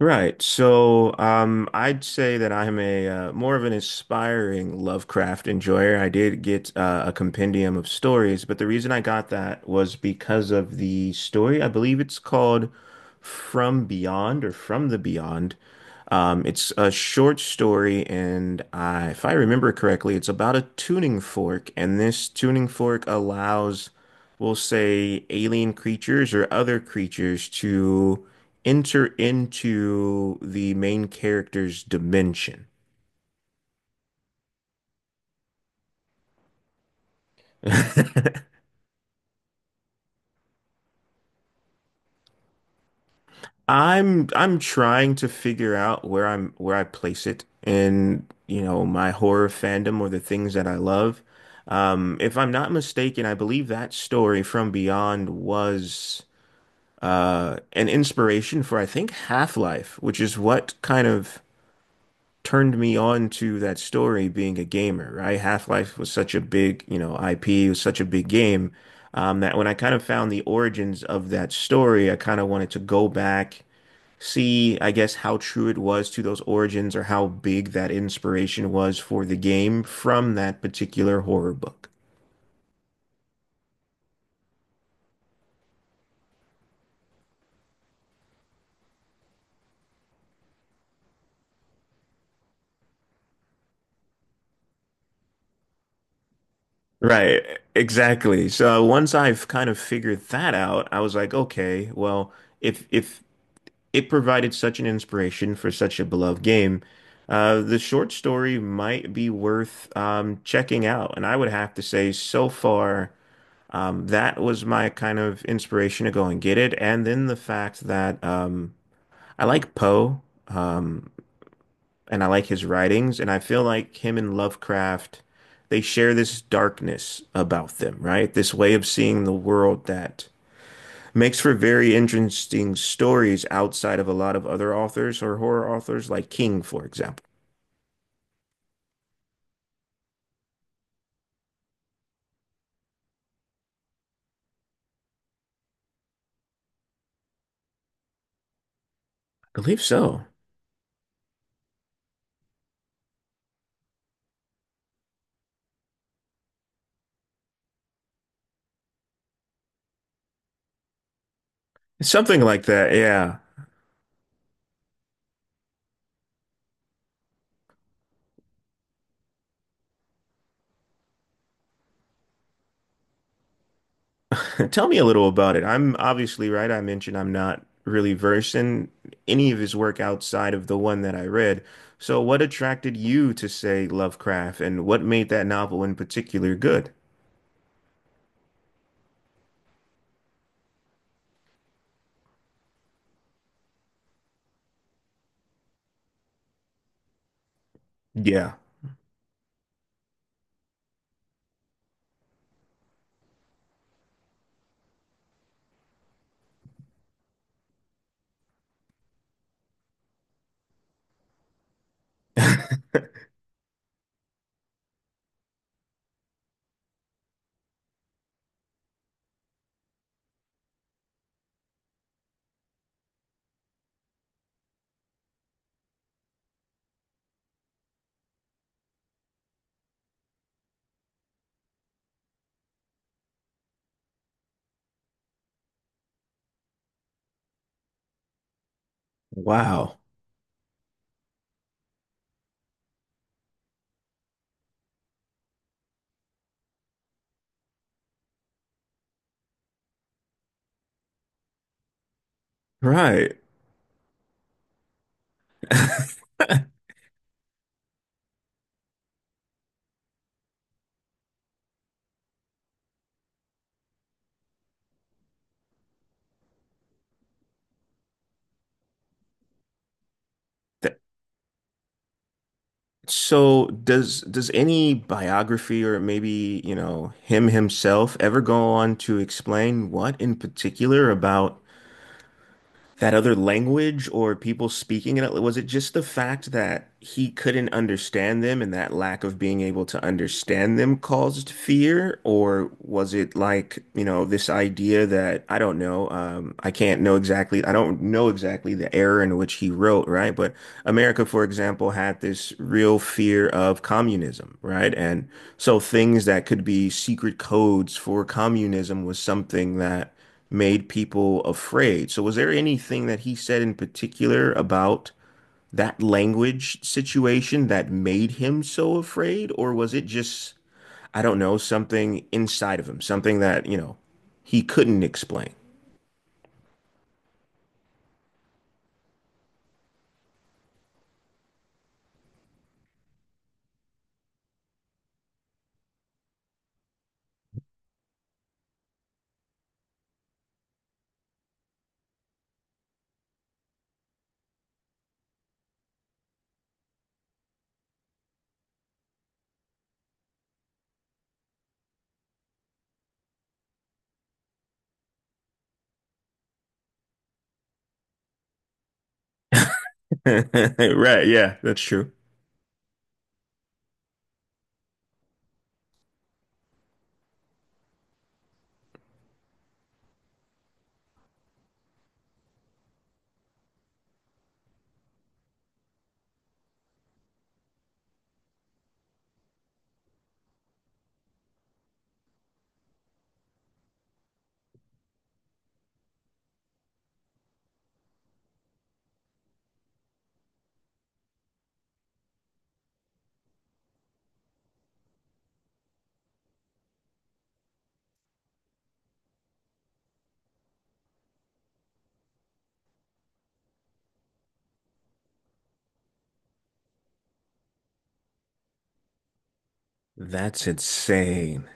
Right. So I'd say that I'm a more of an aspiring Lovecraft enjoyer. I did get a compendium of stories, but the reason I got that was because of the story. I believe it's called From Beyond or From the Beyond. It's a short story, and I, if I remember correctly, it's about a tuning fork, and this tuning fork allows, we'll say, alien creatures or other creatures to enter into the main character's dimension. I'm trying to figure out where I place it in, you know, my horror fandom or the things that I love. If I'm not mistaken, I believe that story from Beyond was an inspiration for I think Half-Life, which is what kind of turned me on to that story being a gamer, right? Half-Life was such a big, you know, IP, it was such a big game, that when I kind of found the origins of that story, I kind of wanted to go back, see, I guess, how true it was to those origins or how big that inspiration was for the game from that particular horror book. Right, exactly. So once I've kind of figured that out, I was like, okay, well, if it provided such an inspiration for such a beloved game. The short story might be worth checking out, and I would have to say, so far, that was my kind of inspiration to go and get it. And then the fact that I like Poe, um, and I like his writings, and I feel like him and Lovecraft, they share this darkness about them, right? This way of seeing the world that makes for very interesting stories outside of a lot of other authors or horror authors, like King, for example. I believe so. Something like that, yeah. Tell me a little about it. I'm obviously right. I mentioned I'm not really versed in any of his work outside of the one that I read. So, what attracted you to, say, Lovecraft, and what made that novel in particular good? Yeah. Wow. Right. So does any biography or maybe, you know, him himself ever go on to explain what in particular about that other language or people speaking it? Was it just the fact that he couldn't understand them and that lack of being able to understand them caused fear? Or was it like, you know, this idea that I don't know, I can't know exactly, I don't know exactly the era in which he wrote, right? But America, for example, had this real fear of communism, right? And so things that could be secret codes for communism was something that made people afraid. So, was there anything that he said in particular about that language situation that made him so afraid? Or was it just, I don't know, something inside of him, something that, you know, he couldn't explain? Right. Yeah, that's true. That's insane.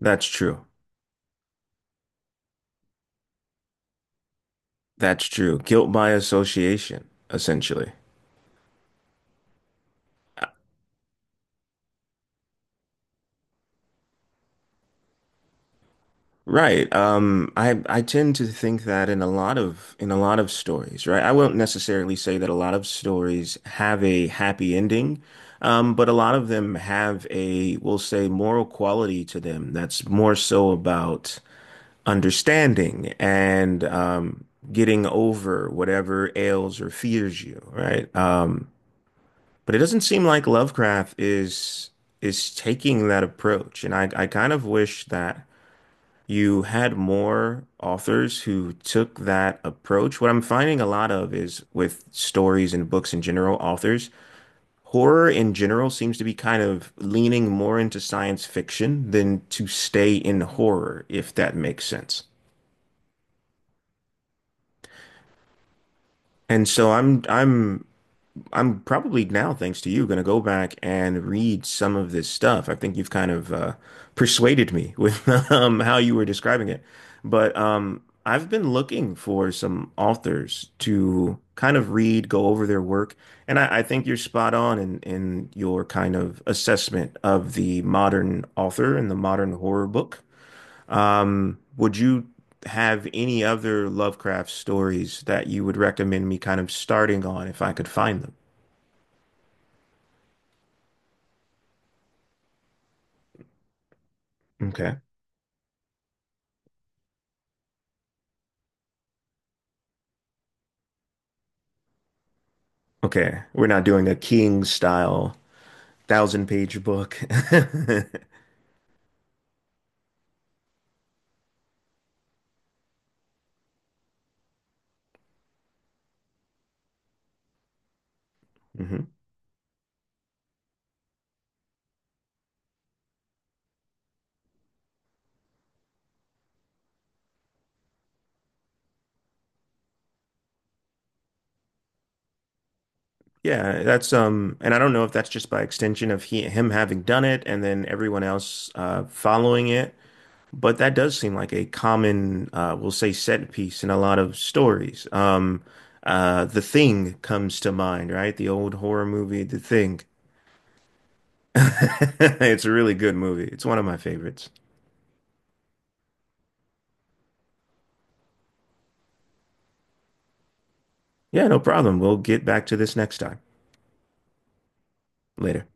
That's true. That's true. Guilt by association, essentially. Right. I tend to think that in a lot of stories, right? I won't necessarily say that a lot of stories have a happy ending, but a lot of them have a, we'll say, moral quality to them that's more so about understanding and getting over whatever ails or fears you, right? But it doesn't seem like Lovecraft is taking that approach, and I kind of wish that you had more authors who took that approach. What I'm finding a lot of is with stories and books in general, authors, horror in general seems to be kind of leaning more into science fiction than to stay in horror, if that makes sense. And so I'm probably now, thanks to you, going to go back and read some of this stuff. I think you've kind of persuaded me with how you were describing it. But I've been looking for some authors to kind of read, go over their work, and I think you're spot on in your kind of assessment of the modern author and the modern horror book. Would you have any other Lovecraft stories that you would recommend me kind of starting on if I could find them? Okay. Okay. We're not doing a King style thousand page book. hmm Yeah, that's and I don't know if that's just by extension of he him having done it and then everyone else following it, but that does seem like a common we'll say set piece in a lot of stories. The Thing comes to mind, right? The old horror movie The Thing. It's a really good movie. It's one of my favorites. Yeah, no problem. We'll get back to this next time. Later.